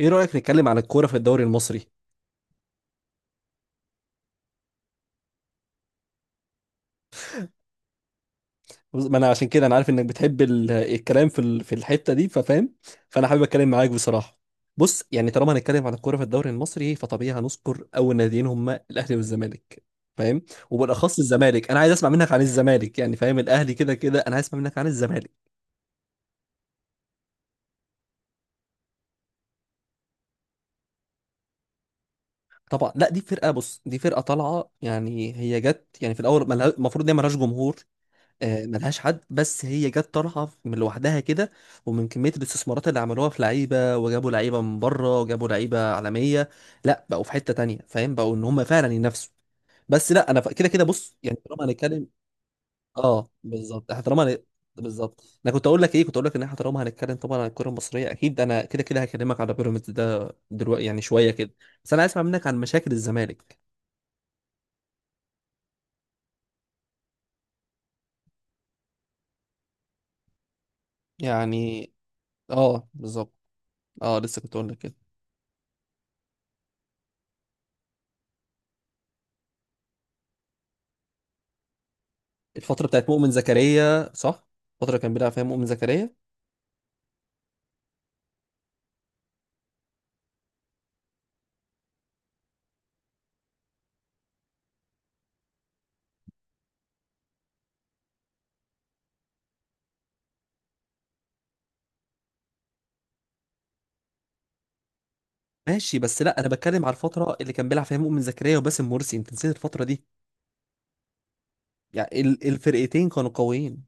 ايه رأيك نتكلم عن الكورة في الدوري المصري؟ ما انا عشان كده انا عارف انك بتحب الكلام في الحتة دي ففاهم. فانا حابب اتكلم معاك بصراحة. بص يعني طالما هنتكلم عن الكورة في الدوري المصري فطبيعي هنذكر اول ناديين هما الاهلي والزمالك. فاهم. وبالاخص الزمالك، انا عايز اسمع منك عن الزمالك، يعني فاهم الاهلي كده كده انا عايز اسمع منك عن الزمالك. طبعا لا، دي فرقة، بص دي فرقة طالعة، يعني هي جت يعني في الاول المفروض ان هي ملهاش جمهور. ملهاش حد، بس هي جت طالعه من لوحدها كده. ومن كميه الاستثمارات اللي عملوها في لعيبه، وجابوا لعيبه من بره، وجابوا لعيبه عالميه. لا، بقوا في حته تانية فاهم، بقوا ان هم فعلا ينافسوا. بس لا انا كده كده بص يعني طالما هنتكلم. اه بالظبط احنا طالما بالظبط. انا كنت اقول لك ايه، كنت اقول لك ان احنا طالما هنتكلم طبعا عن الكره المصريه، اكيد انا كده كده هكلمك على بيراميدز ده دلوقتي يعني شويه كده. بس انا عايز اسمع منك عن مشاكل الزمالك يعني. اه بالظبط. اه لسه كنت اقول لك كده. الفترة بتاعت مؤمن زكريا صح؟ الفترة اللي كان بيلعب فيها مؤمن زكريا. ماشي بس لا انا بتكلم على الفترة اللي كان بيلعب فيها مؤمن زكريا وباسم مرسي، انت نسيت الفترة دي. يعني الفرقتين كانوا قويين.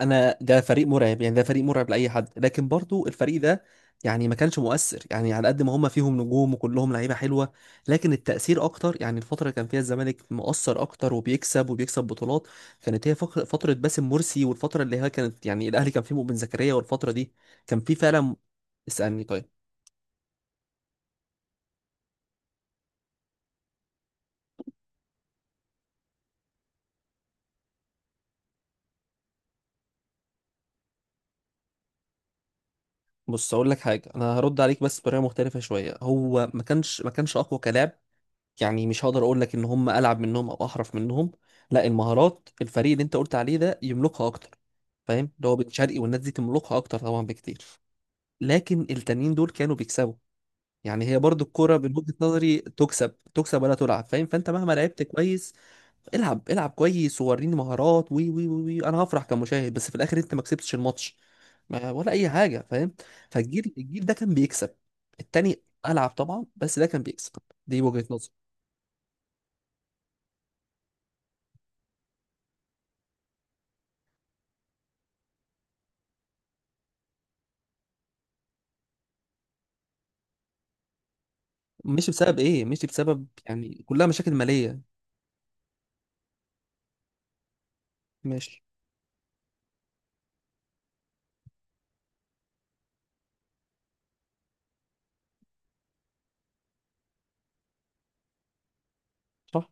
انا ده فريق مرعب، يعني ده فريق مرعب لاي حد، لكن برضو الفريق ده يعني ما كانش مؤثر، يعني على قد ما هم فيهم نجوم وكلهم لعيبه حلوه، لكن التاثير اكتر. يعني الفتره اللي كان فيها الزمالك مؤثر اكتر وبيكسب وبيكسب بطولات، كانت هي فتره باسم مرسي، والفتره اللي هي كانت يعني الاهلي كان فيه مؤمن زكريا، والفتره دي كان فيه فعلا. اسالني طيب. بص اقول لك حاجه، انا هرد عليك بس بطريقه مختلفه شويه. هو ما كانش اقوى كلاعب، يعني مش هقدر اقول لك ان هم العب منهم او احرف منهم، لا. المهارات، الفريق اللي انت قلت عليه ده يملكها اكتر، فاهم؟ اللي هو بن شرقي والناس دي تملكها اكتر طبعا بكتير، لكن التانيين دول كانوا بيكسبوا. يعني هي برضو الكرة من وجهة نظري تكسب تكسب ولا تلعب، فاهم؟ فانت مهما لعبت كويس، العب العب كويس ووريني مهارات وي وي وي وي، انا هفرح كمشاهد، بس في الاخر انت ما كسبتش الماتش ولا اي حاجة، فاهم؟ فالجيل ده كان بيكسب التاني، العب طبعا بس ده كان بيكسب. دي وجهة نظري. مشي بسبب ايه؟ مشي بسبب، يعني كلها مشاكل ماليه. ماشي. صح.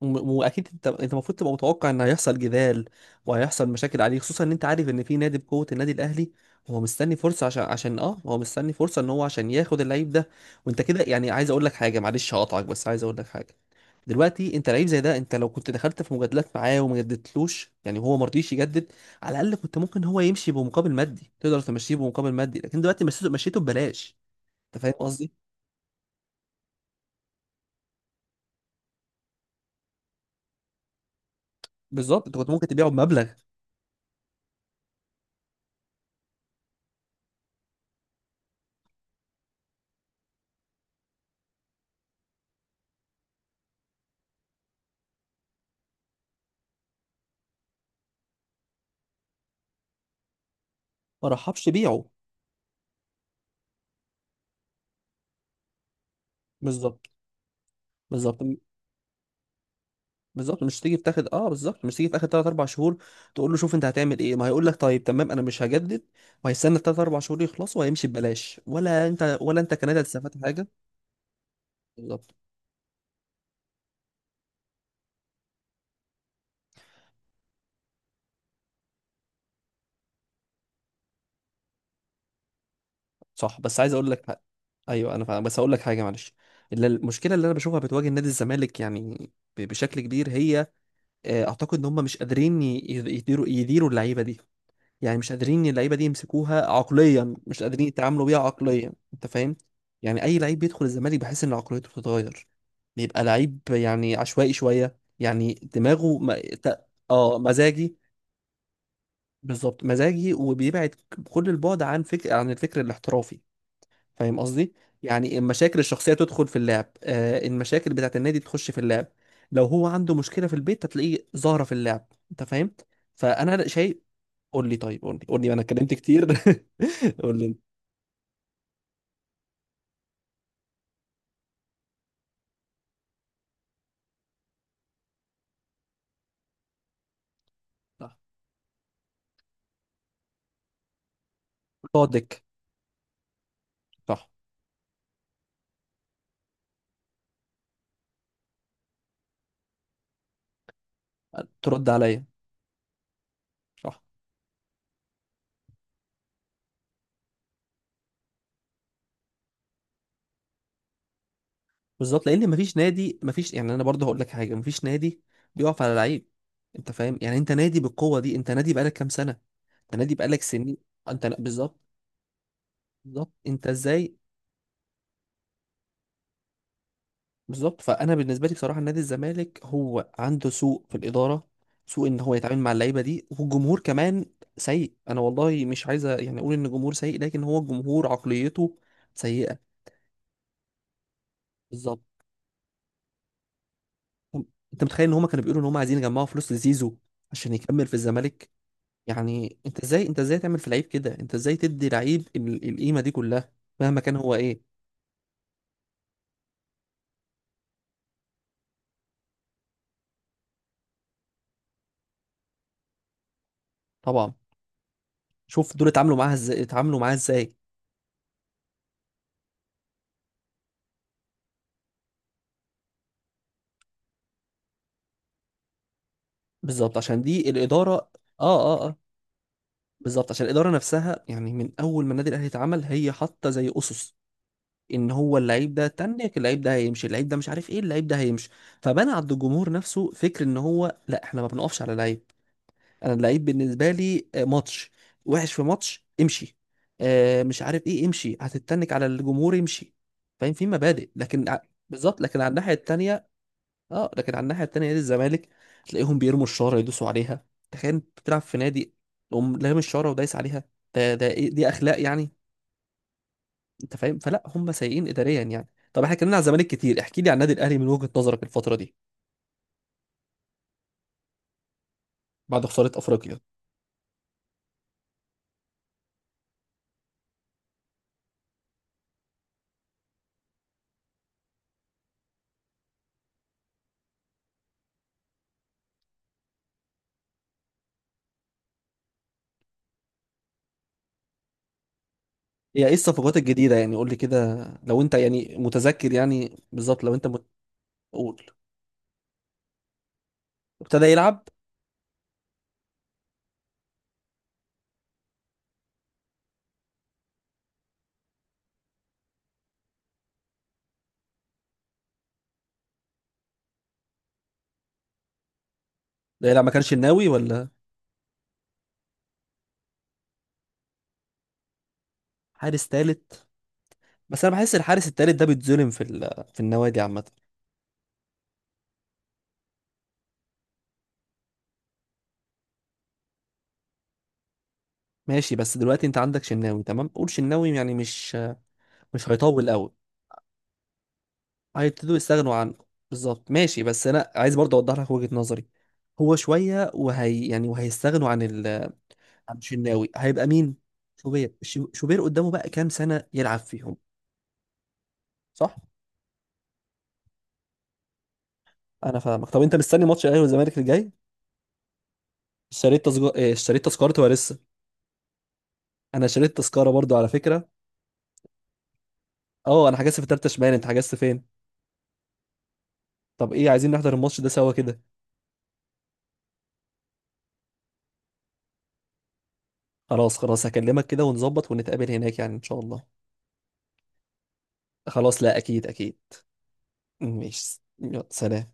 واكيد انت المفروض تبقى متوقع ان هيحصل جدال وهيحصل مشاكل عليه، خصوصا ان انت عارف ان في نادي بقوه النادي الاهلي هو مستني فرصه، عشان عشان اه هو مستني فرصه ان هو عشان ياخد اللعيب ده. وانت كده يعني، عايز اقول لك حاجه معلش هقطعك، بس عايز اقول لك حاجه. دلوقتي انت لعيب زي ده، انت لو كنت دخلت في مجادلات معاه وما جددتلوش، يعني هو ما رضيش يجدد، على الاقل كنت ممكن هو يمشي بمقابل مادي، تقدر تمشيه بمقابل مادي، لكن دلوقتي مشيته مشيته ببلاش. انت فاهم قصدي. بالظبط، انت كنت ممكن تبيعه بمبلغ. ما رحبش بيعه. بالظبط. بالظبط. بالظبط مش تيجي في تاخد اه بالظبط مش تيجي في اخر 3 4 شهور، تقول له شوف انت هتعمل ايه، ما هيقول لك طيب تمام انا مش هجدد وهيستنى 3 4 شهور يخلصوا وهيمشي ببلاش، ولا انت كنادي هتستفاد حاجه. بالظبط. صح، بس عايز اقول لك حاجة. ايوه انا فاهم، بس هقول لك حاجه معلش. المشكله اللي انا بشوفها بتواجه نادي الزمالك يعني بشكل كبير هي، اعتقد ان هم مش قادرين يديروا اللعيبه دي. يعني مش قادرين اللعيبه دي يمسكوها عقليا، مش قادرين يتعاملوا بيها عقليا، انت فاهم؟ يعني اي لعيب بيدخل الزمالك بحس ان عقليته بتتغير، بيبقى لعيب يعني عشوائي شويه، يعني دماغه ما... ت... اه مزاجي. بالظبط، مزاجي وبيبعد كل البعد عن الفكر الاحترافي، فاهم قصدي؟ يعني المشاكل الشخصيه تدخل في اللعب، المشاكل بتاعت النادي تخش في اللعب. لو هو عنده مشكله في البيت هتلاقيه ظاهره في اللعب، انت فاهم. فانا شايف، قول لي طيب، قول لي انا اتكلمت كتير. قول لي انت. صح. تقعد دك. صح. ترد عليا. صح. بالظبط، لان مفيش نادي، يعني انا برضه هقول لك حاجه، مفيش نادي بيقف على لعيب. انت فاهم، يعني انت نادي بالقوه دي، انت نادي بقالك كام سنه، انت نادي بقالك سنين، انت لا بالظبط. بالظبط انت ازاي. بالظبط، فانا بالنسبه لي بصراحه نادي الزمالك هو عنده سوء في الاداره، سوء ان هو يتعامل مع اللعيبه دي، والجمهور كمان سيء. انا والله مش عايزه يعني اقول ان الجمهور سيء، لكن هو الجمهور عقليته سيئة. بالظبط. هم- انت متخيل ان هما كانوا بيقولوا ان هما عايزين يجمعوا فلوس لزيزو عشان يكمل في الزمالك؟ يعني انت ازاي تعمل في لعيب كده، انت ازاي تدي لعيب القيمه دي كلها، مهما كان هو ايه؟ طبعا. شوف دول اتعاملوا معاها ازاي، اتعاملوا معاها ازاي. بالظبط عشان دي الاداره اه. اه اه. بالظبط، عشان الاداره نفسها يعني من اول ما النادي الاهلي اتعمل هي حاطه زي اسس ان هو اللعيب ده تنك، اللعيب ده هيمشي، اللعيب ده مش عارف ايه، اللعيب ده هيمشي. فبنى عند الجمهور نفسه فكر ان هو لا، احنا ما بنقفش على لعيب. انا اللعيب بالنسبه لي ماتش وحش في ماتش امشي، مش عارف ايه امشي، هتتنك على الجمهور امشي. فاهم، في مبادئ، لكن بالظبط. لكن على الناحيه التانيه، اه لكن على الناحيه التانيه نادي الزمالك، تلاقيهم بيرموا الشاره يدوسوا عليها. تخيل انت بتلعب في نادي تقوم لام الشاره ودايس عليها. ده إيه، دي اخلاق يعني؟ انت فاهم، فلا هم سيئين اداريا يعني. طب احنا اتكلمنا على الزمالك كتير، احكي لي عن النادي الاهلي من وجهه نظرك الفتره دي، بعد خساره افريقيا. هي ايه الصفقات الجديدة؟ يعني قول لي كده، لو انت يعني متذكر يعني بالظبط، لو انت قول. ابتدى يلعب. ده يلعب ما كانش الناوي ولا؟ حارس تالت. بس انا بحس الحارس التالت ده بيتظلم في النوادي عامة. ماشي، بس دلوقتي انت عندك شناوي تمام قول، شناوي يعني مش هيطول قوي، هيبتدوا يستغنوا عنه. بالظبط، ماشي بس انا عايز برضه اوضح لك وجهة نظري. هو شوية وهي يعني وهيستغنوا عن شناوي، هيبقى مين؟ شوبير. شوبير قدامه بقى كام سنة يلعب فيهم؟ صح. انا فاهمك، طب انت مستني ماتش الاهلي والزمالك الجاي؟ اشتريت تذكره؟ اشتريت تذكرتي ولا لسه؟ انا اشتريت تذكره برضو على فكره. اه انا حجزت في تالتة شمال، انت حجزت فين؟ طب ايه، عايزين نحضر الماتش ده سوا كده؟ خلاص خلاص هكلمك كده ونظبط ونتقابل هناك يعني ان شاء الله. خلاص، لا اكيد اكيد. ماشي، يلا سلام.